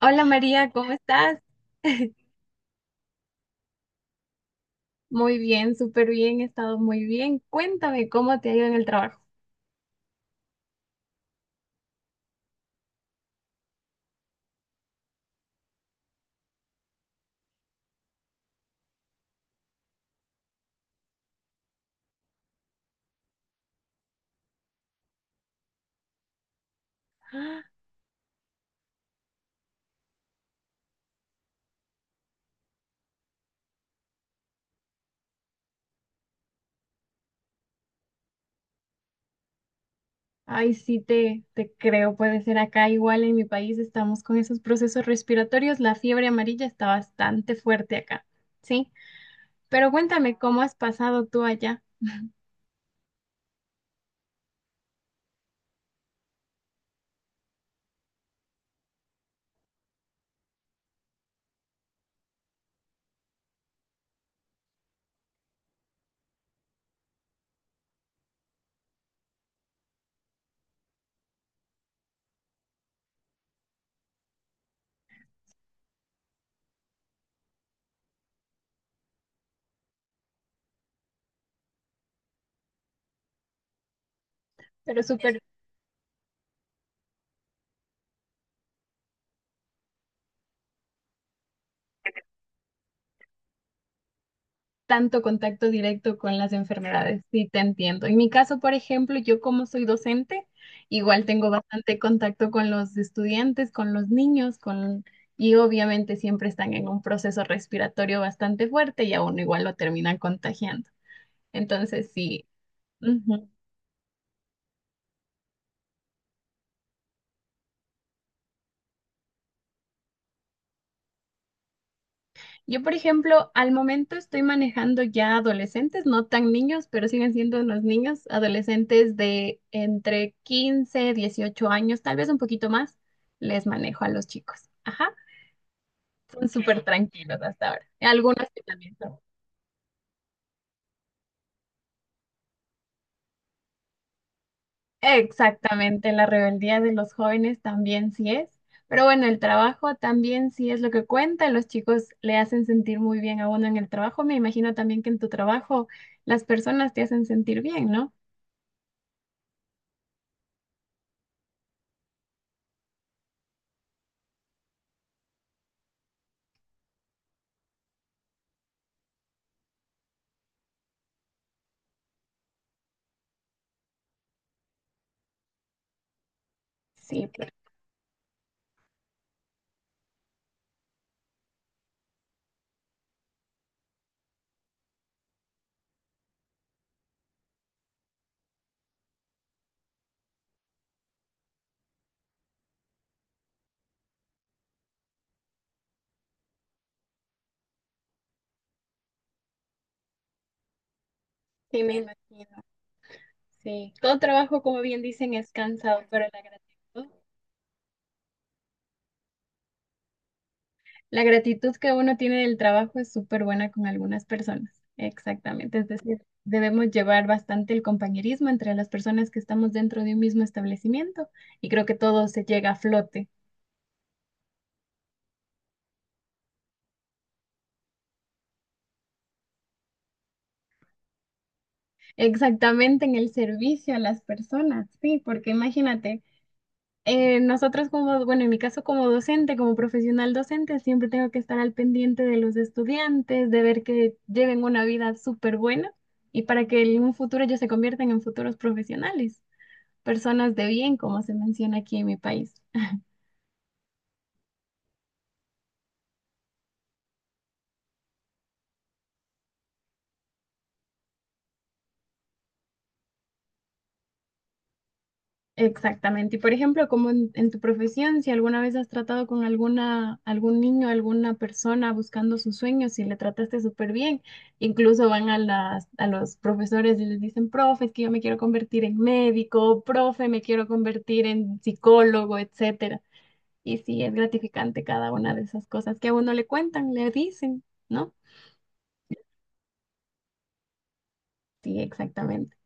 Hola María, ¿cómo estás? Muy bien, súper bien, he estado muy bien. Cuéntame cómo te ha ido en el trabajo. ¡Ah! Ay, sí, te creo, puede ser acá igual en mi país estamos con esos procesos respiratorios, la fiebre amarilla está bastante fuerte acá, ¿sí? Pero cuéntame cómo has pasado tú allá, pero súper tanto contacto directo con las enfermedades, sí te entiendo. En mi caso, por ejemplo, yo como soy docente, igual tengo bastante contacto con los estudiantes, con los niños, con y obviamente siempre están en un proceso respiratorio bastante fuerte y a uno igual lo terminan contagiando. Entonces, sí. Yo, por ejemplo, al momento estoy manejando ya adolescentes, no tan niños, pero siguen siendo unos niños, adolescentes de entre 15, 18 años, tal vez un poquito más, les manejo a los chicos. Ajá, son súper tranquilos hasta ahora. Algunos que también son. Exactamente, la rebeldía de los jóvenes también sí es, pero bueno, el trabajo también sí es lo que cuenta, los chicos le hacen sentir muy bien a uno en el trabajo, me imagino también que en tu trabajo las personas te hacen sentir bien, ¿no? Sí, sí, me imagino. Sí. Todo trabajo, como bien dicen, es cansado, pero la gratitud que uno tiene del trabajo es súper buena con algunas personas. Exactamente. Es decir, debemos llevar bastante el compañerismo entre las personas que estamos dentro de un mismo establecimiento y creo que todo se llega a flote. Exactamente en el servicio a las personas, sí, porque imagínate. Nosotros como, bueno, en mi caso como docente, como profesional docente, siempre tengo que estar al pendiente de los estudiantes, de ver que lleven una vida súper buena y para que en un futuro ellos se conviertan en futuros profesionales, personas de bien, como se menciona aquí en mi país. Exactamente. Y por ejemplo, como en tu profesión, si alguna vez has tratado con alguna, algún niño, alguna persona buscando sus sueños y le trataste súper bien, incluso van a las, a los profesores y les dicen, profe, es que yo me quiero convertir en médico, profe, me quiero convertir en psicólogo, etcétera. Y sí, es gratificante cada una de esas cosas que a uno le cuentan, le dicen, ¿no? Sí, exactamente.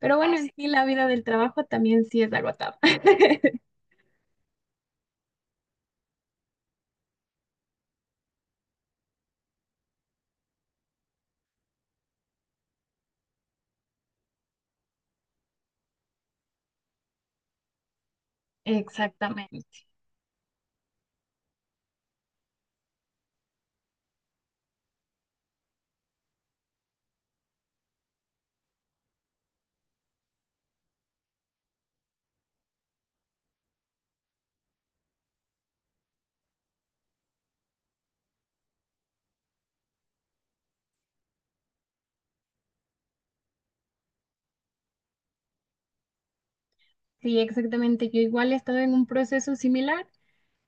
Pero bueno, en sí la vida del trabajo también sí es agotada. Exactamente. Sí, exactamente. Yo igual he estado en un proceso similar.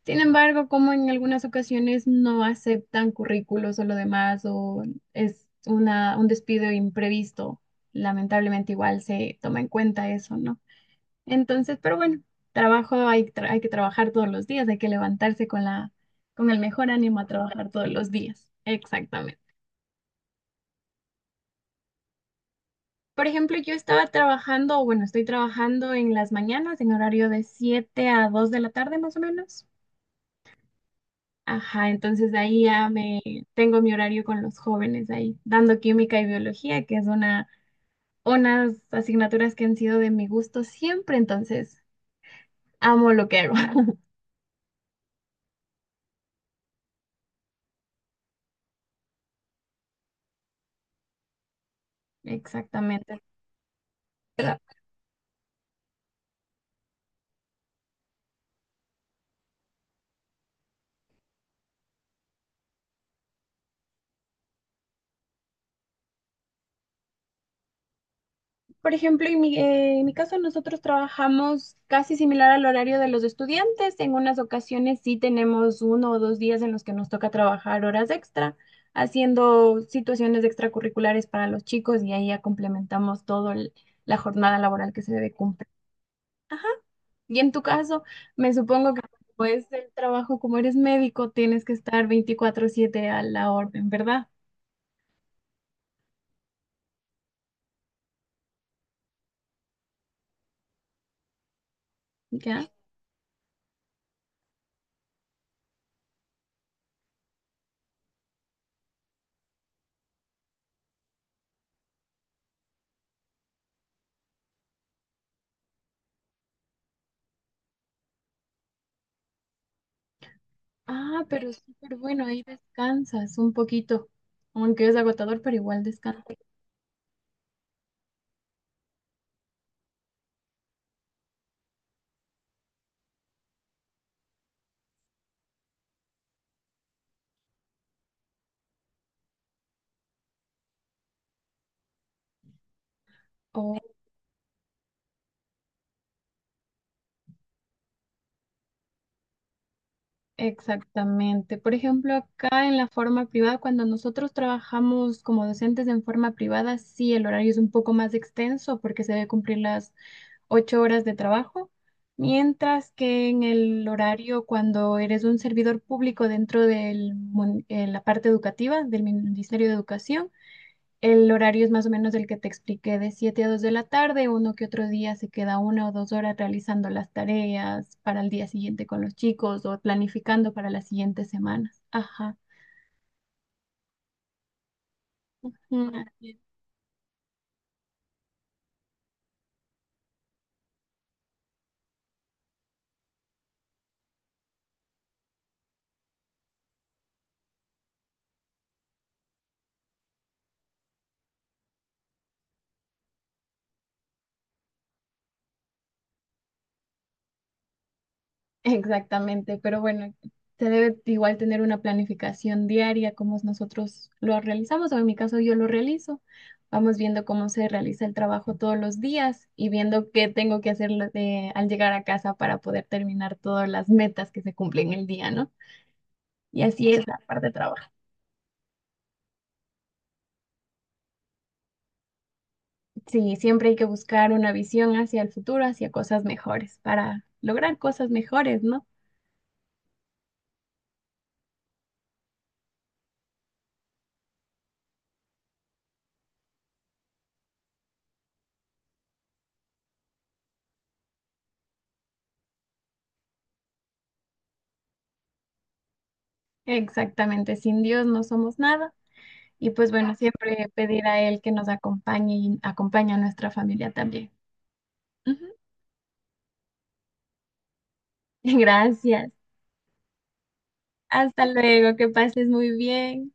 Sin embargo, como en algunas ocasiones no aceptan currículos o lo demás, o es una, un despido imprevisto, lamentablemente igual se toma en cuenta eso, ¿no? Entonces, pero bueno, trabajo hay, tra- hay que trabajar todos los días, hay que levantarse con la, con el mejor ánimo a trabajar todos los días. Exactamente. Por ejemplo, yo estaba trabajando, o bueno, estoy trabajando en las mañanas en horario de 7 a 2 de la tarde más o menos. Ajá, entonces de ahí ya me tengo mi horario con los jóvenes ahí, dando química y biología, que es una, unas asignaturas que han sido de mi gusto siempre, entonces amo lo que hago. Exactamente. Pero, por ejemplo, en mi caso nosotros trabajamos casi similar al horario de los estudiantes. En unas ocasiones sí tenemos uno o dos días en los que nos toca trabajar horas extra, haciendo situaciones extracurriculares para los chicos y ahí ya complementamos todo el- la jornada laboral que se debe cumplir. Y en tu caso, me supongo que después del trabajo, como eres médico, tienes que estar 24/7 a la orden, ¿verdad? ¿Ya? Ah, pero es súper bueno, ahí descansas un poquito, aunque es agotador, pero igual descansas. Oh, exactamente. Por ejemplo, acá en la forma privada, cuando nosotros trabajamos como docentes en forma privada, sí, el horario es un poco más extenso porque se debe cumplir las 8 horas de trabajo, mientras que en el horario cuando eres un servidor público dentro de la parte educativa del Ministerio de Educación, el horario es más o menos el que te expliqué de 7 a 2 de la tarde, uno que otro día se queda una o dos horas realizando las tareas para el día siguiente con los chicos o planificando para las siguientes semanas. Ajá. Mm. Exactamente, pero bueno, se debe igual tener una planificación diaria, como nosotros lo realizamos, o en mi caso yo lo realizo. Vamos viendo cómo se realiza el trabajo todos los días y viendo qué tengo que hacer lo- de- al llegar a casa para poder terminar todas las metas que se cumplen el día, ¿no? Y así es la parte de trabajo. Sí, siempre hay que buscar una visión hacia el futuro, hacia cosas mejores, para lograr cosas mejores, ¿no? Exactamente, sin Dios no somos nada. Y pues bueno, siempre pedir a Él que nos acompañe y acompañe a nuestra familia también. Ujú. Gracias. Hasta luego, que pases muy bien.